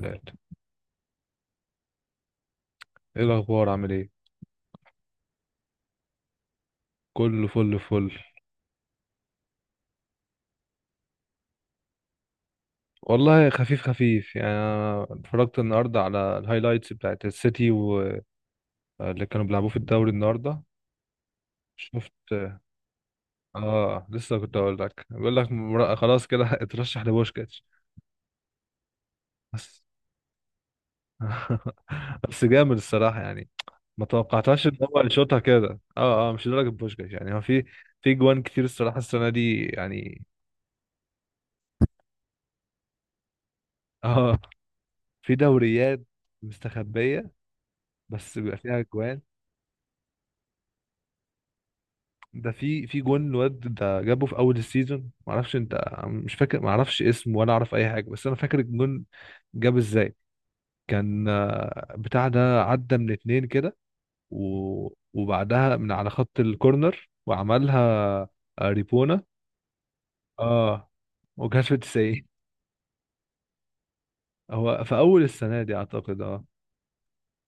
ثلاثة. ايه الأخبار، عامل ايه؟ كله فل فل. والله خفيف خفيف يعني، أنا اتفرجت النهاردة على الهايلايتس بتاعت السيتي واللي كانوا بيلعبوه في الدوري النهاردة. شفت. اه، لسه كنت اقول لك بيقول لك خلاص كده اترشح لبوشكاتش. بس. بس جامد الصراحة يعني، ما توقعتهاش ان هو يشوطها كده، مش لدرجة بوشكاش يعني. هو في جوان كتير الصراحة السنة دي يعني. اه، في دوريات مستخبية بس بيبقى فيها جوان. ده في جون الواد ده جابه في اول السيزون، ما اعرفش انت مش فاكر، ما اعرفش اسمه ولا اعرف اي حاجه، بس انا فاكر الجون جاب ازاي. كان بتاع ده عدى من اتنين كده وبعدها من على خط الكورنر وعملها، ريبونا. اه، وكانت في 90. هو في اول السنه دي اعتقد، اه،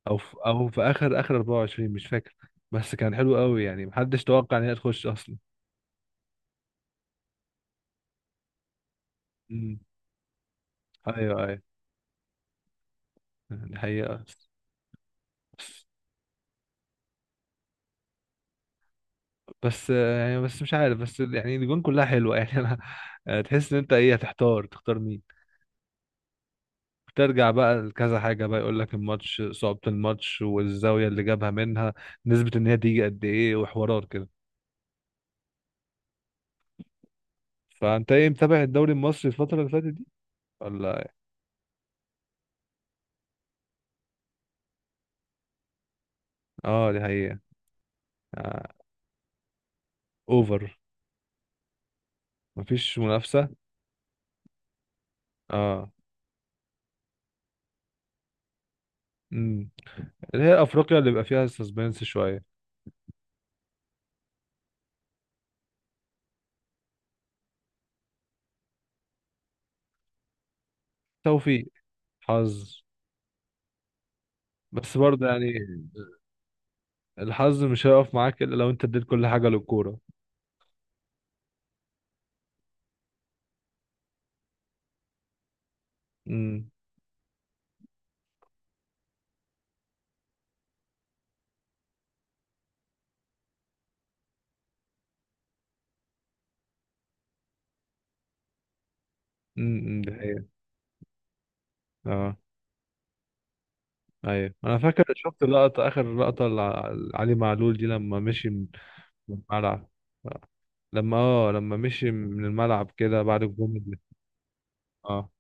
او في اخر 24، مش فاكر. بس كان حلو قوي يعني، محدش توقع ان هي تخش اصلا. امم. ايوه ايوه، دي حقيقه. بس يعني، بس مش عارف، بس يعني الجون كلها حلوه يعني. انا تحس ان انت ايه، هتحتار تختار مين. ترجع بقى لكذا حاجه، بقى يقول لك الماتش، صعوبه الماتش والزاويه اللي جابها منها، نسبه ان هي تيجي قد ايه، وحوارات كده. فانت ايه، متابع الدوري المصري الفتره اللي فاتت دي ولا؟ اه، دي حقيقه. آه. اوفر. مفيش منافسه. اه. امم. اللي هي افريقيا اللي بيبقى فيها سسبنس شويه. توفيق. حظ. بس برضه يعني، الحظ مش هيقف معاك الا لو انت اديت كل حاجه للكوره. امم، ده هي. اه. ايوه، انا فاكر شفت لقطة اخر لقطة لعلي معلول دي لما مشي من الملعب، لما مشي من الملعب كده بعد الجمله دي. اه.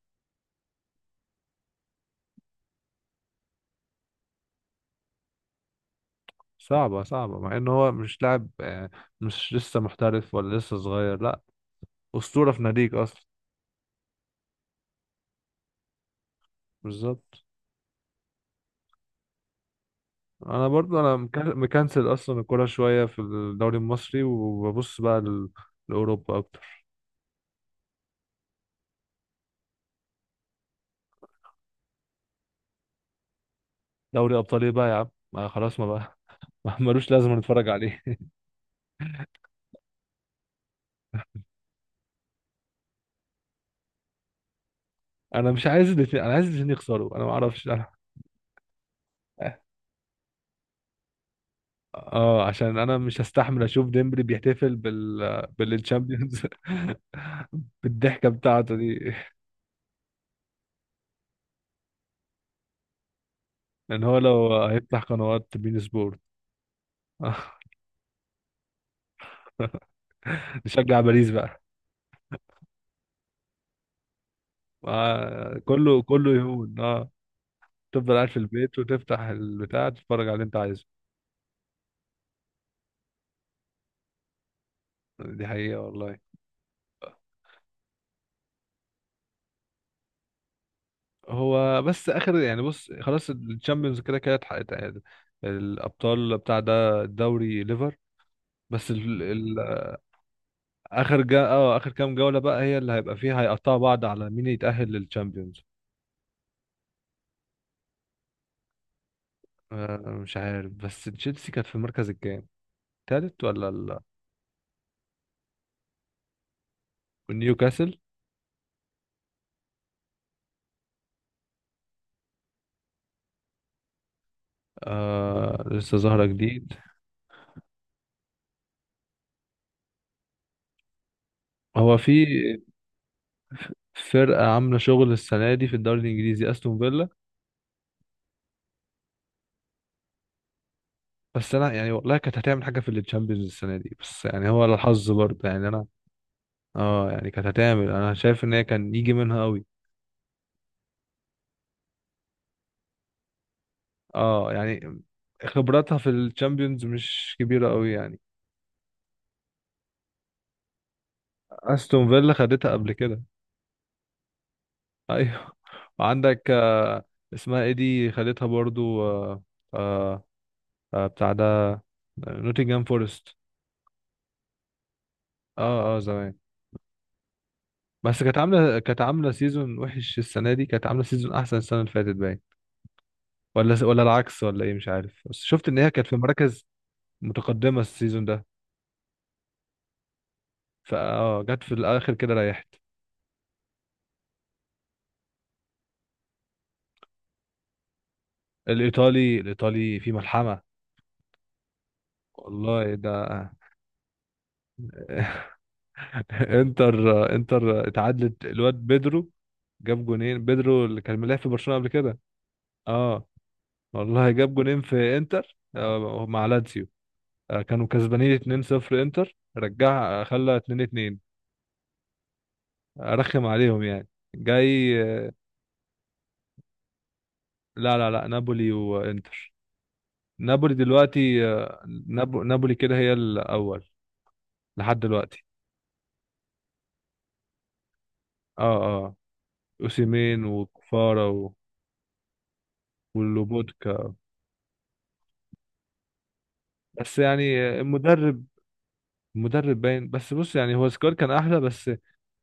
صعبة صعبة، مع ان هو مش لاعب، مش لسه محترف ولا لسه صغير، لا، اسطورة في ناديك اصلا. بالظبط. انا برضو، انا مكنسل اصلا الكوره شوية في الدوري المصري، وببص بقى لاوروبا اكتر. دوري ابطال ايه بقى يا عم، ما خلاص ما بقى. ما ملوش لازمة نتفرج عليه. انا مش عايز الاثنين، انا عايز الاثنين يخسروا. انا ما اعرفش انا. اه، عشان انا مش هستحمل اشوف ديمبلي بيحتفل بالتشامبيونز. بالضحكه بتاعته دي. لان هو لو هيفتح قنوات بين سبورت. نشجع باريس بقى. كله كله يهون، اه. تفضل قاعد في البيت وتفتح البتاع، تتفرج على اللي انت عايزه. دي حقيقه والله. هو بس اخر يعني، بص خلاص، الشامبيونز كده كده اتحققت، الابطال بتاع ده، الدوري ليفر. بس اخر جا... اه اخر كام جولة بقى هي اللي هيبقى فيها، هيقطعوا بعض على مين يتأهل للتشامبيونز. آه، مش عارف بس تشيلسي كانت في المركز الكام؟ التالت ولا نيوكاسل. آه، لسه ظاهرة جديد. هو في فرقة عاملة شغل السنة دي في الدوري الإنجليزي، أستون فيلا. بس أنا يعني والله كانت هتعمل حاجة في التشامبيونز السنة دي، بس يعني هو الحظ برضه يعني أنا. اه يعني، كانت هتعمل، أنا شايف إن هي كان يجي منها أوي. اه يعني، خبراتها في الشامبيونز مش كبيرة أوي يعني. استون فيلا خدتها قبل كده. ايوه. وعندك اسمها ايه دي خدتها برضو، آه، بتاع ده، نوتنجهام فورست. اه اه، زمان. بس كانت عامله سيزون وحش السنه دي، كانت عامله سيزون احسن السنه اللي فاتت باين، ولا العكس ولا ايه، مش عارف. بس شفت ان هي كانت في مراكز متقدمه السيزون ده، فاه جت في الاخر كده ريحت. الايطالي الايطالي في ملحمه. والله ده، انتر. انتر اتعادلت، الواد بيدرو جاب جونين، بيدرو اللي كان ملاعب في برشلونة قبل كده. اه والله، جاب جونين في انتر مع لاتسيو. آه، كانوا كسبانين 2-0، انتر رجع خلى 2-2، رخم عليهم يعني، جاي لا لا لا، نابولي وانتر. نابولي دلوقتي، نابولي كده هي الاول لحد دلوقتي. اه اه، اوسيمين وكفارا ولوبوتكا. بس يعني المدرب باين. بس بص يعني، هو سكواد كان احلى، بس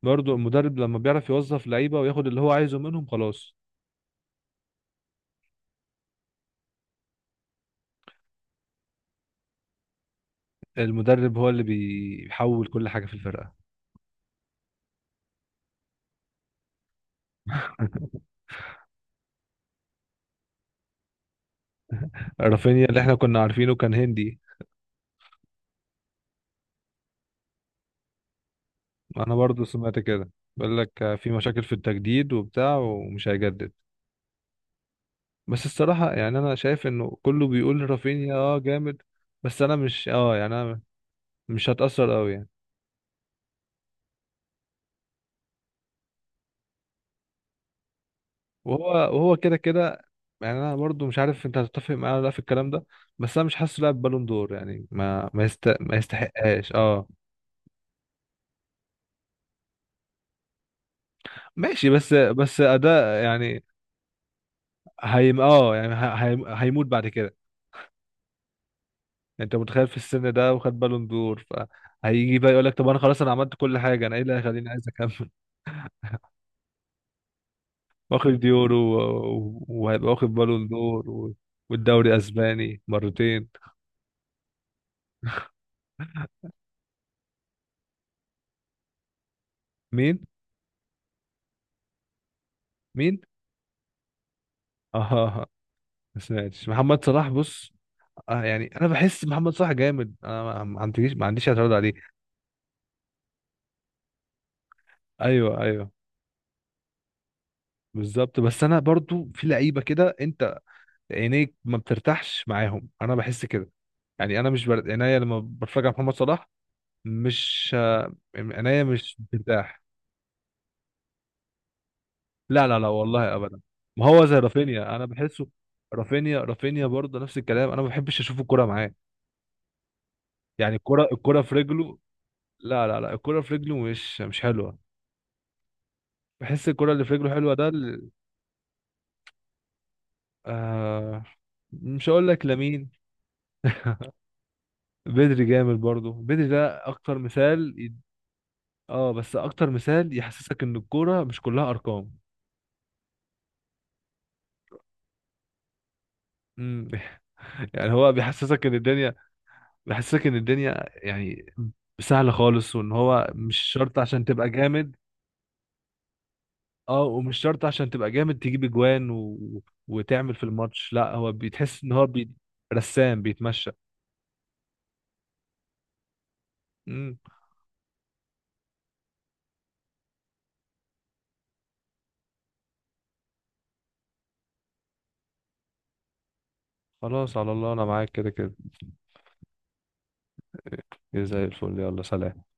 برضه المدرب لما بيعرف يوظف لعيبه وياخد اللي هو عايزه منهم خلاص. المدرب هو اللي بيحول كل حاجه في الفرقه. رافينيا اللي احنا كنا عارفينه كان هندي. انا برضه سمعت كده، بيقول لك في مشاكل في التجديد وبتاع ومش هيجدد. بس الصراحه يعني انا شايف انه كله بيقول رافينيا اه جامد، بس انا مش يعني، انا مش هتاثر قوي. وهو كده كده. يعني انا برضو مش عارف انت هتتفق معايا ولا لا في الكلام ده، بس انا مش حاسه لاعب بالون دور يعني. ما يستحقهاش، اه. ماشي، بس اداء يعني. هيموت بعد كده. يعني انت متخيل في السن ده وخد بالون دور، فهيجي بقى يقول لك طب انا خلاص، انا عملت كل حاجه، انا ايه اللي هيخليني عايز اكمل. واخد يورو وهيبقى واخد بالون دور والدوري اسباني مرتين. مين. مين. اه. ما سمعتش محمد صلاح، بص. اه يعني، انا بحس محمد صلاح جامد، انا ما عنديش اعتراض عليه. ايوه ايوه. بالظبط، بس انا برضو في لعيبه كده انت عينيك ما بترتاحش معاهم، انا بحس كده. يعني انا مش بر... عينيا لما بتفرج على محمد صلاح مش، عينيا مش بترتاح. لا لا لا والله ابدا، ما هو زي رافينيا انا بحسه. رافينيا رافينيا برضه نفس الكلام، انا ما بحبش اشوف الكرة معاه، يعني الكرة الكرة في رجله، لا لا لا، الكرة في رجله مش حلوة. بحس الكرة اللي في رجله حلوة ده. آه، مش هقول لك لمين. بدري جامد برضو، بدري ده اكتر مثال اه، بس اكتر مثال يحسسك ان الكوره مش كلها ارقام. مم. يعني هو بيحسسك ان الدنيا، يعني سهله خالص، وان هو مش شرط عشان تبقى جامد. اه، ومش شرط عشان تبقى جامد تجيب اجوان وتعمل في الماتش. لا، هو بيتحس ان هو رسام بيتمشى. مم. خلاص على الله، انا معاك كده كده. زي الفل، يلا سلام.